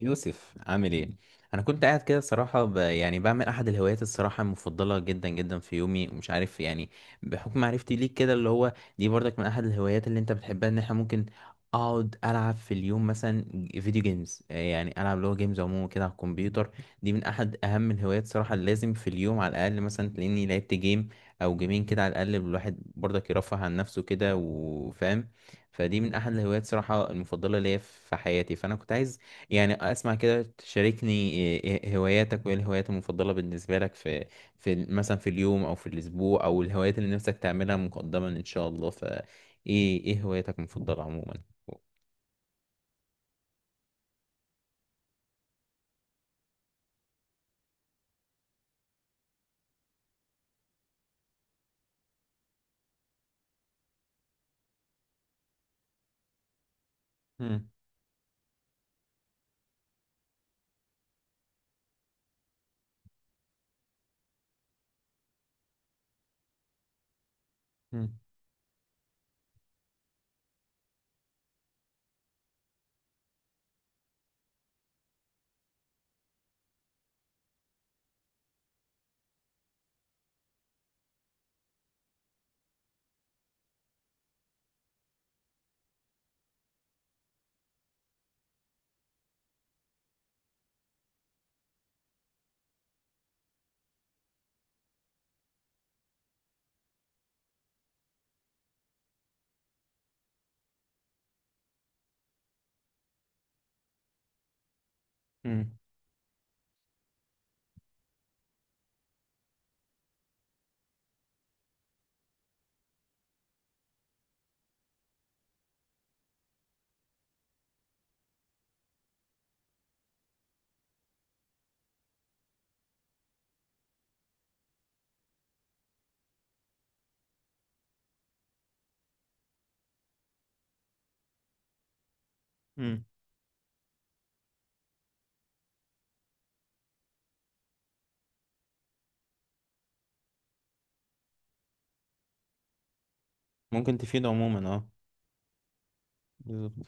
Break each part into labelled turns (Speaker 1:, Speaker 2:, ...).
Speaker 1: يوسف عامل ايه؟ انا كنت قاعد كده الصراحه ب... يعني بعمل احد الهوايات الصراحه المفضله جدا جدا في يومي ومش عارف يعني بحكم معرفتي ليك كده اللي هو دي برضك من احد الهوايات اللي انت بتحبها ان احنا ممكن اقعد العب في اليوم مثلا فيديو جيمز. آه، يعني العب اللي هو جيمز عموما كده على الكمبيوتر. دي من احد اهم الهوايات صراحه اللي لازم في اليوم على الاقل مثلا تلاقيني لعبت جيم او جيمين كده. على الاقل الواحد برضك يرفه عن نفسه كده وفاهم. فدي من احد الهوايات صراحه المفضله ليا في حياتي. فانا كنت عايز يعني اسمع كده، تشاركني إيه هواياتك وايه الهوايات المفضلة بالنسبة لك في في ال- مثلا في اليوم او في الاسبوع، او الهوايات اللي نفسك تعملها مقدما ان شاء الله. فايه ايه هواياتك المفضلة عموما؟ مم. مم. مم. مم. ممكن تفيد عموما، اه بالظبط.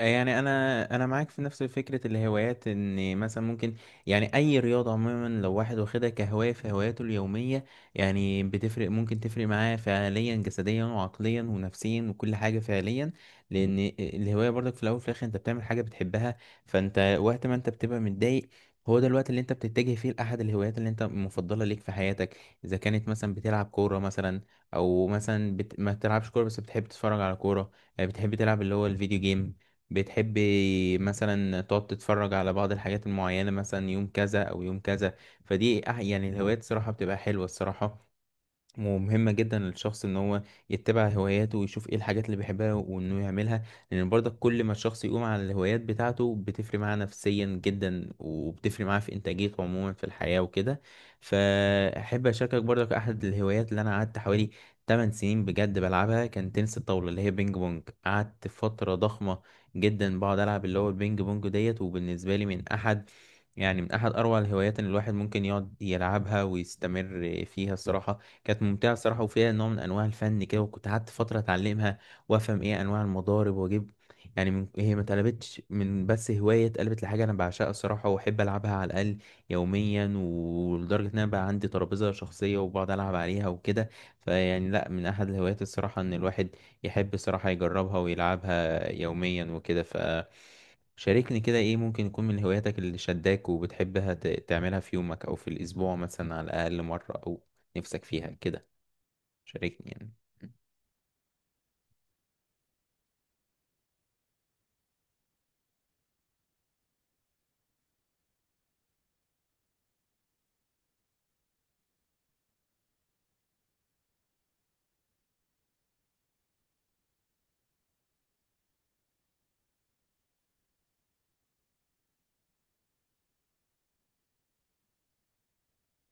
Speaker 1: يعني انا معاك في نفس فكره الهوايات، ان مثلا ممكن يعني اي رياضه عموما لو واحد واخدها كهوايه في هواياته اليوميه يعني بتفرق، ممكن تفرق معاه فعليا جسديا وعقليا ونفسيا وكل حاجه فعليا. لان الهوايه برضك في الاول وفي الاخر انت بتعمل حاجه بتحبها. فانت وقت ما انت بتبقى متضايق هو ده الوقت اللي انت بتتجه فيه لاحد الهوايات اللي انت مفضله ليك في حياتك. اذا كانت مثلا بتلعب كوره مثلا، او مثلا ما بتلعبش كوره بس بتحب تتفرج على كوره. آه، بتحب تلعب اللي هو الفيديو جيم، بتحبي مثلا تقعد تتفرج على بعض الحاجات المعينة مثلا يوم كذا أو يوم كذا. فدي الهوايات صراحة بتبقى حلوة الصراحة، ومهمة جدا للشخص ان هو يتبع هواياته ويشوف ايه الحاجات اللي بيحبها وانه يعملها. لان برضك كل ما الشخص يقوم على الهوايات بتاعته بتفرق معاه نفسيا جدا، وبتفرق معاه في انتاجيته عموما في الحياة وكده. فاحب اشاركك برضك احد الهوايات اللي انا قعدت حوالي 8 سنين بجد بلعبها، كان تنس الطاولة اللي هي بينج بونج. قعدت فترة ضخمة جدا بقعد العب اللي هو البينج بونج ديت، وبالنسبة لي من احد يعني من احد اروع الهوايات ان الواحد ممكن يقعد يلعبها ويستمر فيها الصراحة. كانت ممتعة الصراحة، وفيها نوع من أنواع الفن كده. وكنت قعدت فترة أتعلمها وأفهم إيه أنواع المضارب وأجيب. يعني هي ما اتقلبتش من بس هواية، اتقلبت لحاجة أنا بعشقها الصراحة وأحب ألعبها على الأقل يوميا. ولدرجة إن أنا بقى عندي ترابيزة شخصية وبقعد ألعب عليها وكده. فيعني لأ، من أحد الهوايات الصراحة إن الواحد يحب الصراحة يجربها ويلعبها يوميا وكده. فشاركني كده إيه ممكن يكون من هواياتك اللي شداك وبتحبها تعملها في يومك أو في الأسبوع مثلا على الأقل مرة، أو نفسك فيها كده. شاركني يعني.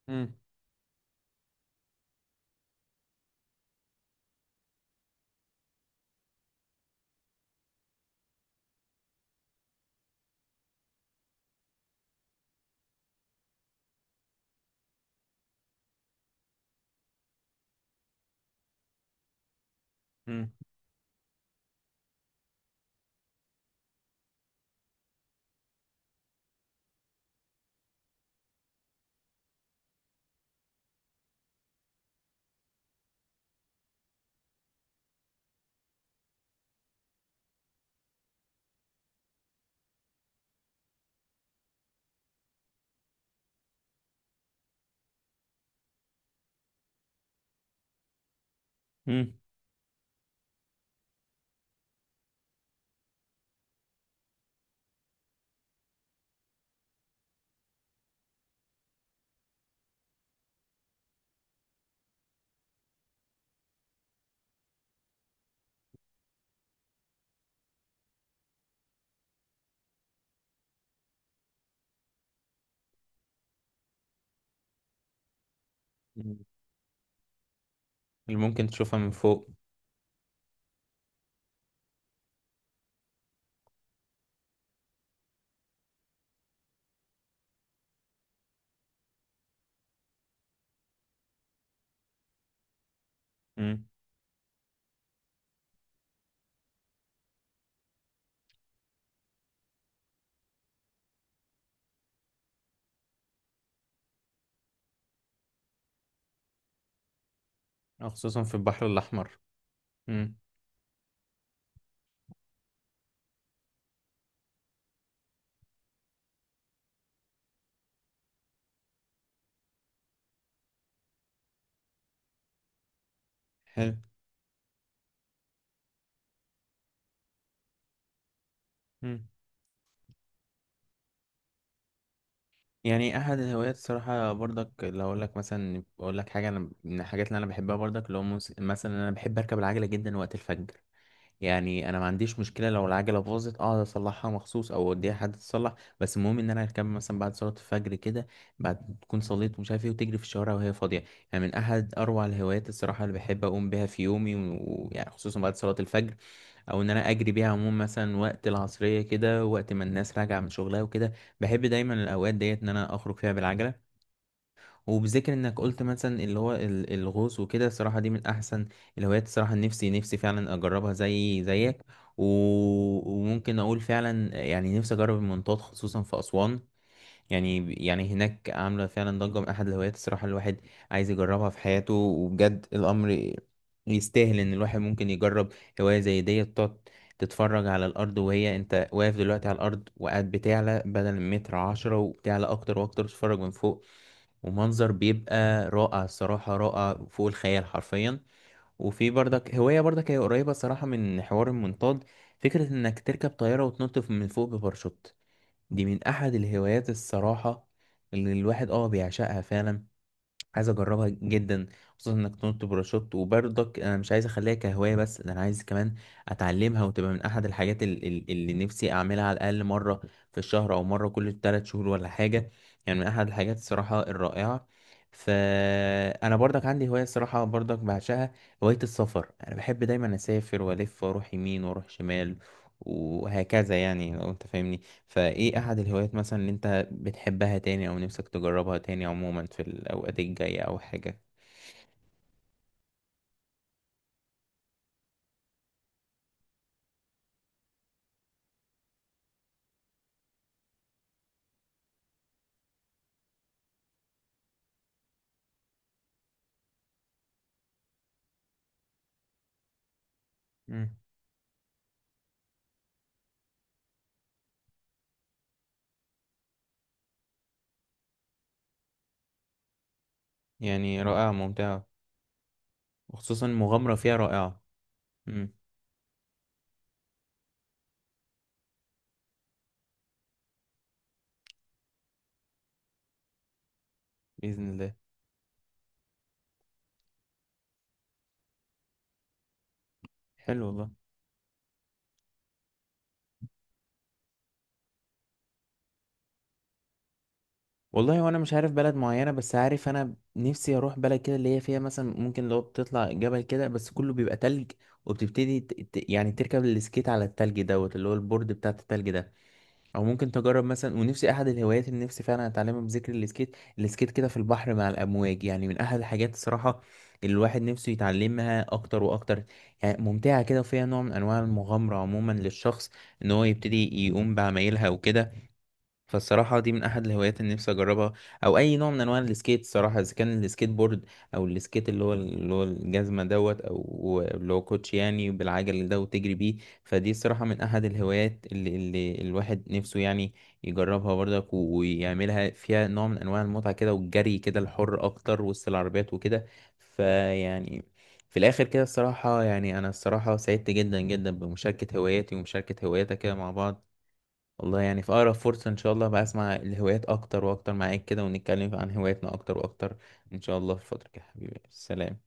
Speaker 1: مم. مم. مم. مم. اللي ممكن تشوفها من فوق. مم. أو خصوصا في البحر الأحمر. مم. حلو. مم. يعني أحد الهوايات الصراحة برضك، لو أقول لك مثلا أقول لك حاجة أنا من الحاجات اللي أنا بحبها برضك اللي هو مثلا أنا بحب أركب العجلة جدا وقت الفجر. يعني انا ما عنديش مشكله لو العجله باظت اقعد اصلحها مخصوص او اوديها حد يصلح، بس المهم ان انا اركبها مثلا بعد صلاه الفجر كده، بعد تكون صليت ومش عارف ايه، وتجري في الشوارع وهي فاضيه. يعني من احد اروع الهوايات الصراحه اللي بحب اقوم بيها في يومي. ويعني خصوصا بعد صلاه الفجر، او ان انا اجري بيها عموما مثلا وقت العصريه كده، وقت ما الناس راجعه من شغلها وكده. بحب دايما الاوقات ديت ان انا اخرج فيها بالعجله. وبذكر انك قلت مثلا اللي هو الغوص وكده، الصراحه دي من احسن الهوايات الصراحه. نفسي فعلا اجربها زي زيك. و... وممكن اقول فعلا يعني نفسي اجرب المنطاد خصوصا في اسوان. يعني هناك عامله فعلا ضجه، من احد الهوايات الصراحه الواحد عايز يجربها في حياته. وبجد الامر يستاهل ان الواحد ممكن يجرب هوايه زي ديت، تقعد تتفرج على الارض وهي انت واقف دلوقتي على الارض، وقاعد بتعلى بدل متر عشرة وبتعلى اكتر واكتر تتفرج من فوق. ومنظر بيبقى رائع الصراحة، رائع فوق الخيال حرفيا. وفي برضك هواية برضك هي قريبة صراحة من حوار المنطاد، فكرة انك تركب طيارة وتنط من فوق بباراشوت. دي من احد الهوايات الصراحة اللي الواحد اه بيعشقها فعلا، عايز اجربها جدا. خصوصا انك تنط باراشوت. وبرضك انا مش عايز اخليها كهوايه بس، ده انا عايز كمان اتعلمها وتبقى من احد الحاجات اللي نفسي اعملها على الاقل مره في الشهر، او مره كل 3 شهور ولا حاجه. يعني من احد الحاجات الصراحه الرائعه. فانا برضك عندي هوايه الصراحه برضك بعشقها، هوايه السفر. انا بحب دايما اسافر، والف واروح يمين واروح شمال وهكذا، يعني لو انت فاهمني. فايه احد الهوايات مثلا اللي انت بتحبها تاني، أو نفسك تجربها تاني عموما في الأوقات الجاية أو حاجة؟ مم. يعني رائعة ممتعة، وخصوصا المغامرة فيها رائعة. مم. بإذن الله. حلو والله. والله وأنا مش عارف بلد معينة، بس عارف أنا نفسي أروح بلد كده اللي هي فيها مثلا ممكن لو بتطلع جبل كده بس كله بيبقى تلج، وبتبتدي يعني تركب السكيت على التلج دوت اللي هو البورد بتاع التلج ده. او ممكن تجرب مثلا، ونفسي احد الهوايات اللي نفسي فعلا اتعلمها بذكر السكيت، السكيت كده في البحر مع الامواج، يعني من احد الحاجات الصراحه اللي الواحد نفسه يتعلمها اكتر واكتر. يعني ممتعه كده وفيها نوع من انواع المغامره عموما للشخص ان هو يبتدي يقوم بعمايلها وكده. فالصراحة دي من أحد الهوايات اللي نفسي أجربها، أو أي نوع من أنواع السكيت الصراحة، إذا كان السكيت بورد أو السكيت اللي هو اللي هو الجزمة دوت أو اللي هو كوتش يعني بالعجل ده وتجري بيه. فدي الصراحة من أحد الهوايات اللي الواحد نفسه يعني يجربها برضك ويعملها، فيها نوع من أنواع المتعة كده، والجري كده الحر أكتر وسط العربيات وكده. فيعني في الآخر كده الصراحة، يعني أنا الصراحة سعدت جدا جدا بمشاركة هواياتي ومشاركة هواياتك كده مع بعض. والله يعني في أقرب فرصة إن شاء الله بقى أسمع الهوايات أكتر وأكتر معاك كده، ونتكلم عن هواياتنا أكتر وأكتر إن شاء الله في الفترة الجاية. حبيبي سلام.